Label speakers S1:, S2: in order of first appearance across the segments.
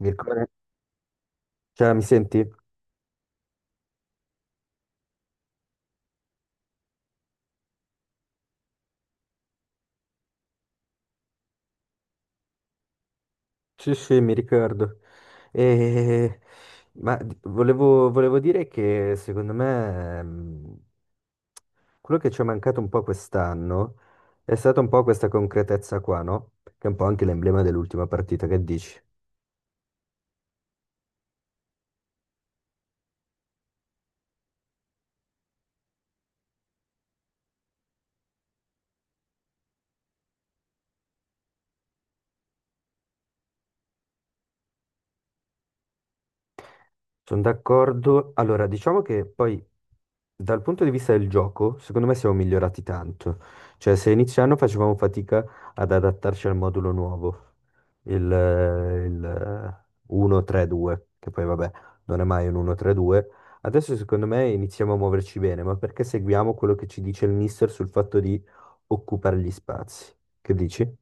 S1: Mi ricordo, cioè, mi senti? Sì, sì, mi ricordo. E- volevo dire che secondo me quello che ci è mancato un po' quest'anno è stata un po' questa concretezza qua, no? Che è un po' anche l'emblema dell'ultima partita, che dici? Sono d'accordo. Allora, diciamo che poi dal punto di vista del gioco, secondo me siamo migliorati tanto. Cioè, se inizio anno facevamo fatica ad adattarci al modulo nuovo, il 1-3-2, che poi vabbè, non è mai un 1-3-2. Adesso secondo me iniziamo a muoverci bene, ma perché seguiamo quello che ci dice il mister sul fatto di occupare gli spazi? Che dici?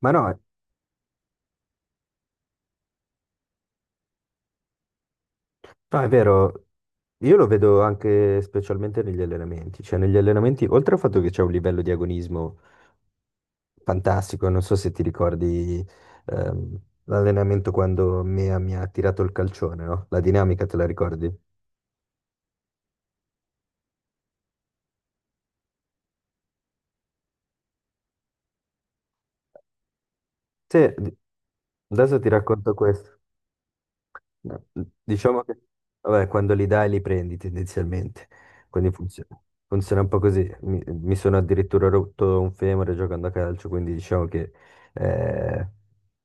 S1: Ma no, no, è vero, io lo vedo anche specialmente negli allenamenti, cioè negli allenamenti, oltre al fatto che c'è un livello di agonismo fantastico, non so se ti ricordi ehm, l'allenamento quando Mea mi ha tirato il calcione, no? La dinamica te la ricordi? Sì, adesso ti racconto questo. No, diciamo che vabbè, quando li dai li prendi tendenzialmente, quindi funziona, funziona un po' così. Mi sono addirittura rotto un femore giocando a calcio, quindi diciamo che eh,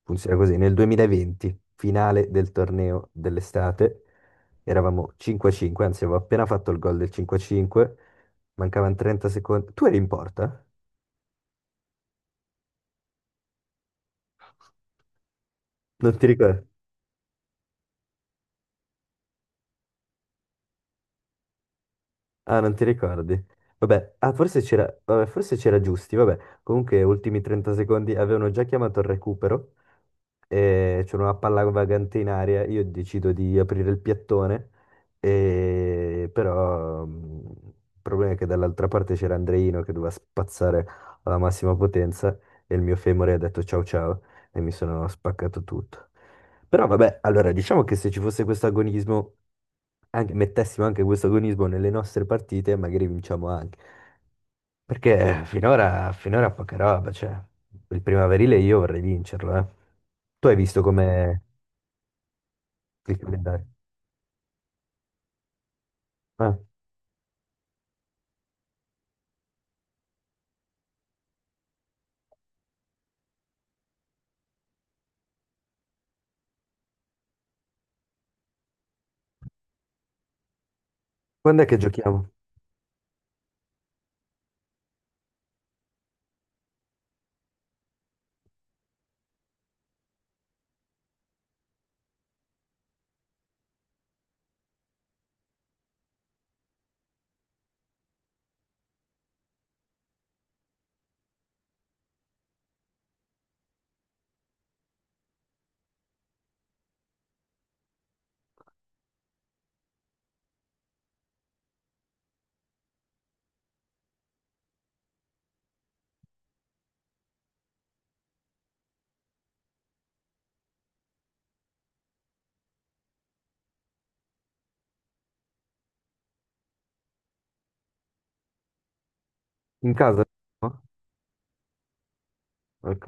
S1: funziona così. Nel 2020, finale del torneo dell'estate, eravamo 5-5, anzi avevo appena fatto il gol del 5-5, mancavano 30 secondi. Tu eri in porta? Non ti ricordo. Ah, non ti ricordi? Vabbè, ah, forse c'era vabbè, forse c'era Giusti, vabbè. Comunque, ultimi 30 secondi, avevano già chiamato il recupero, e c'era una palla vagante in aria, io decido di aprire il piattone, e però, il problema è che dall'altra parte c'era Andreino che doveva spazzare alla massima potenza e il mio femore ha detto ciao ciao e mi sono spaccato tutto. Però vabbè, allora diciamo che se ci fosse questo agonismo mettessimo anche questo agonismo nelle nostre partite, magari vinciamo anche. Perché finora, finora poca roba, cioè, il primaverile io vorrei vincerlo, eh. Tu hai visto come il calendario? Ah, quando è che giochiamo? In casa? No? Ok.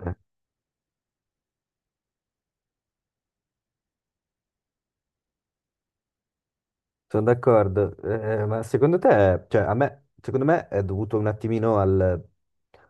S1: Sono d'accordo, ma secondo te, cioè a me, secondo me è dovuto un attimino al,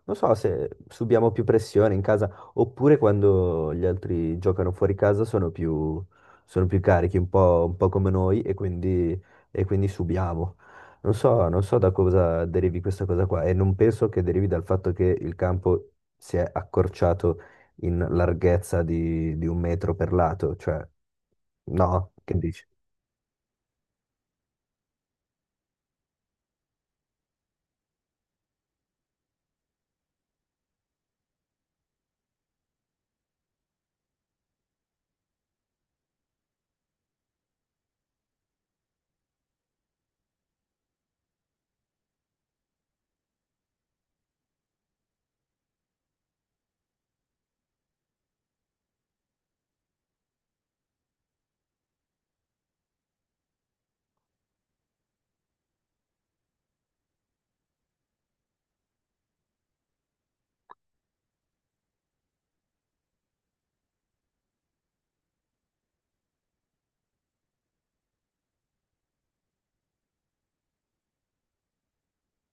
S1: non so se subiamo più pressione in casa oppure quando gli altri giocano fuori casa sono più carichi, un po' come noi e quindi subiamo. Non so, non so da cosa derivi questa cosa qua e non penso che derivi dal fatto che il campo si è accorciato in larghezza di un metro per lato, cioè no, che dici?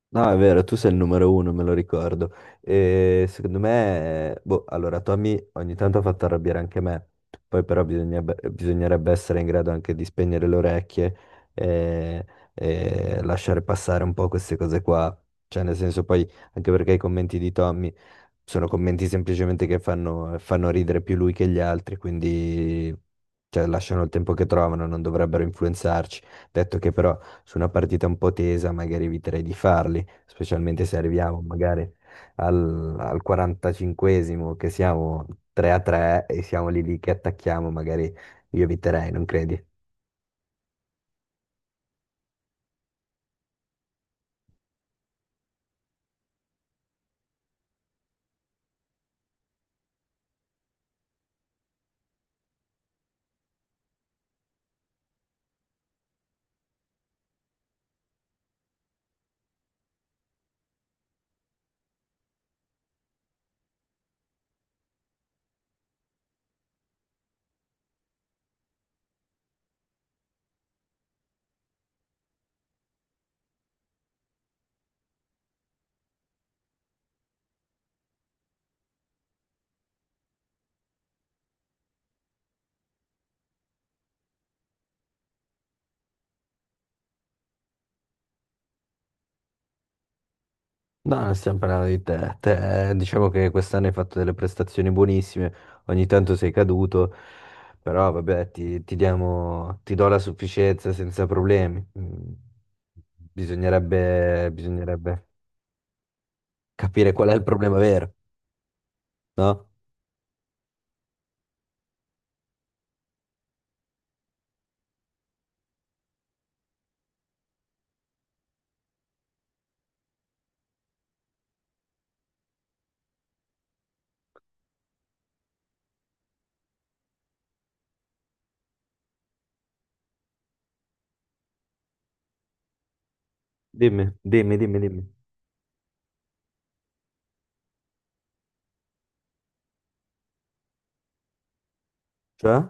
S1: No, è vero, tu sei il numero uno, me lo ricordo. E secondo me, boh, allora Tommy ogni tanto ha fatto arrabbiare anche me, poi però bisognerebbe essere in grado anche di spegnere le orecchie e, e lasciare passare un po' queste cose qua. Cioè, nel senso, poi anche perché i commenti di Tommy sono commenti semplicemente che fanno ridere più lui che gli altri, quindi cioè, lasciano il tempo che trovano, non dovrebbero influenzarci. Detto che però su una partita un po' tesa magari eviterei di farli specialmente se arriviamo magari al 45esimo che siamo 3-3 e siamo lì lì che attacchiamo, magari io eviterei, non credi? No, non stiamo parlando di te. Te, diciamo che quest'anno hai fatto delle prestazioni buonissime, ogni tanto sei caduto, però vabbè, ti do la sufficienza senza problemi. Bisognerebbe, bisognerebbe capire qual è il problema vero, no? Dimmi, dimmi, dimmi, dimmi. Cioè?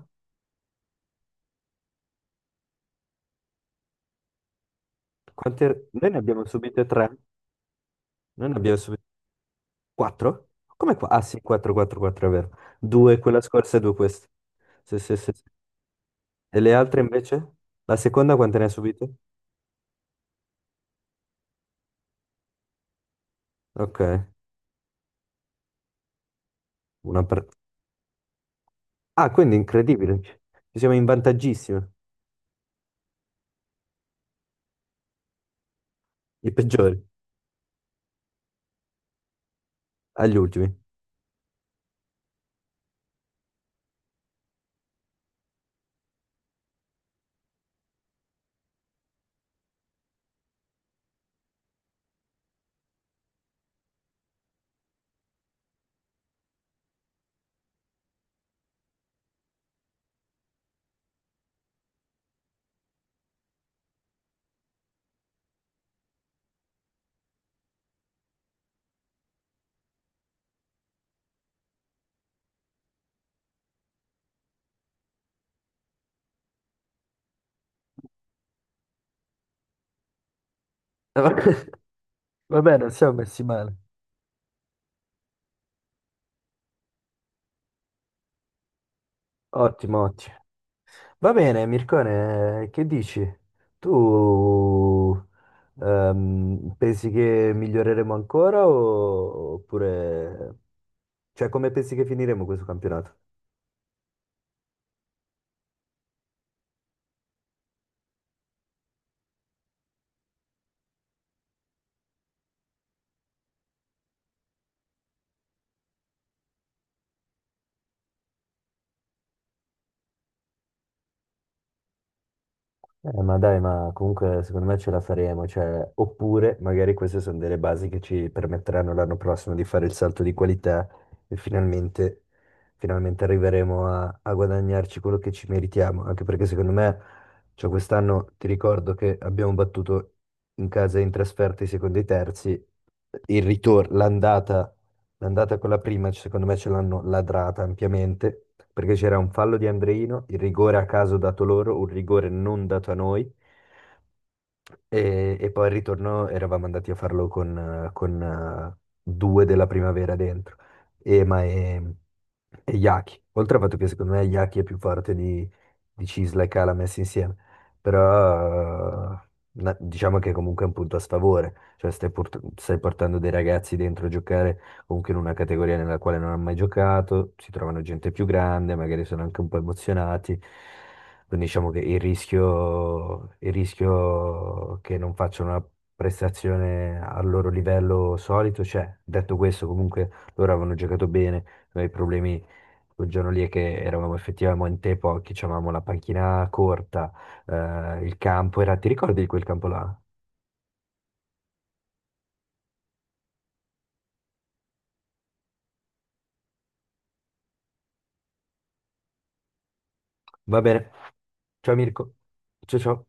S1: Quante... Noi ne abbiamo subite tre. Noi ne abbiamo subite quattro? Come qua? Ah sì, 4, 4, 4, è vero. Due quella scorsa e due queste. Sì, sì, sì, sì. E le altre invece? La seconda quante ne ha subite? Ok, una per... Ah, quindi incredibile. Ci siamo in vantaggissimo. I peggiori, agli ultimi. Vabbè, non siamo messi male. Ottimo, ottimo. Va bene, Mircone, che dici? Tu pensi che miglioreremo ancora oppure... Cioè, come pensi che finiremo questo campionato? Ma dai, ma comunque secondo me ce la faremo, cioè, oppure magari queste sono delle basi che ci permetteranno l'anno prossimo di fare il salto di qualità e finalmente, finalmente arriveremo a guadagnarci quello che ci meritiamo, anche perché secondo me, cioè, quest'anno ti ricordo che abbiamo battuto in casa e in trasferta i secondi e i terzi, il ritorno, l'andata con la prima, secondo me, ce l'hanno ladrata ampiamente, perché c'era un fallo di Andreino, il rigore a caso dato loro, un rigore non dato a noi. E poi al ritorno eravamo andati a farlo con due della primavera dentro, Ema e Yaki. Oltre al fatto che secondo me Yaki è più forte di Cisla e Cala messi insieme, però diciamo che comunque è un punto a sfavore, cioè stai portando dei ragazzi dentro a giocare comunque in una categoria nella quale non hanno mai giocato, si trovano gente più grande, magari sono anche un po' emozionati. Quindi diciamo che il rischio che non facciano una prestazione al loro livello solito c'è. Detto questo, comunque loro avevano giocato bene, noi i problemi quel giorno lì è che eravamo effettivamente pochi, avevamo la panchina corta, il campo era... Ti ricordi di quel campo là? Va bene, ciao Mirko, ciao ciao.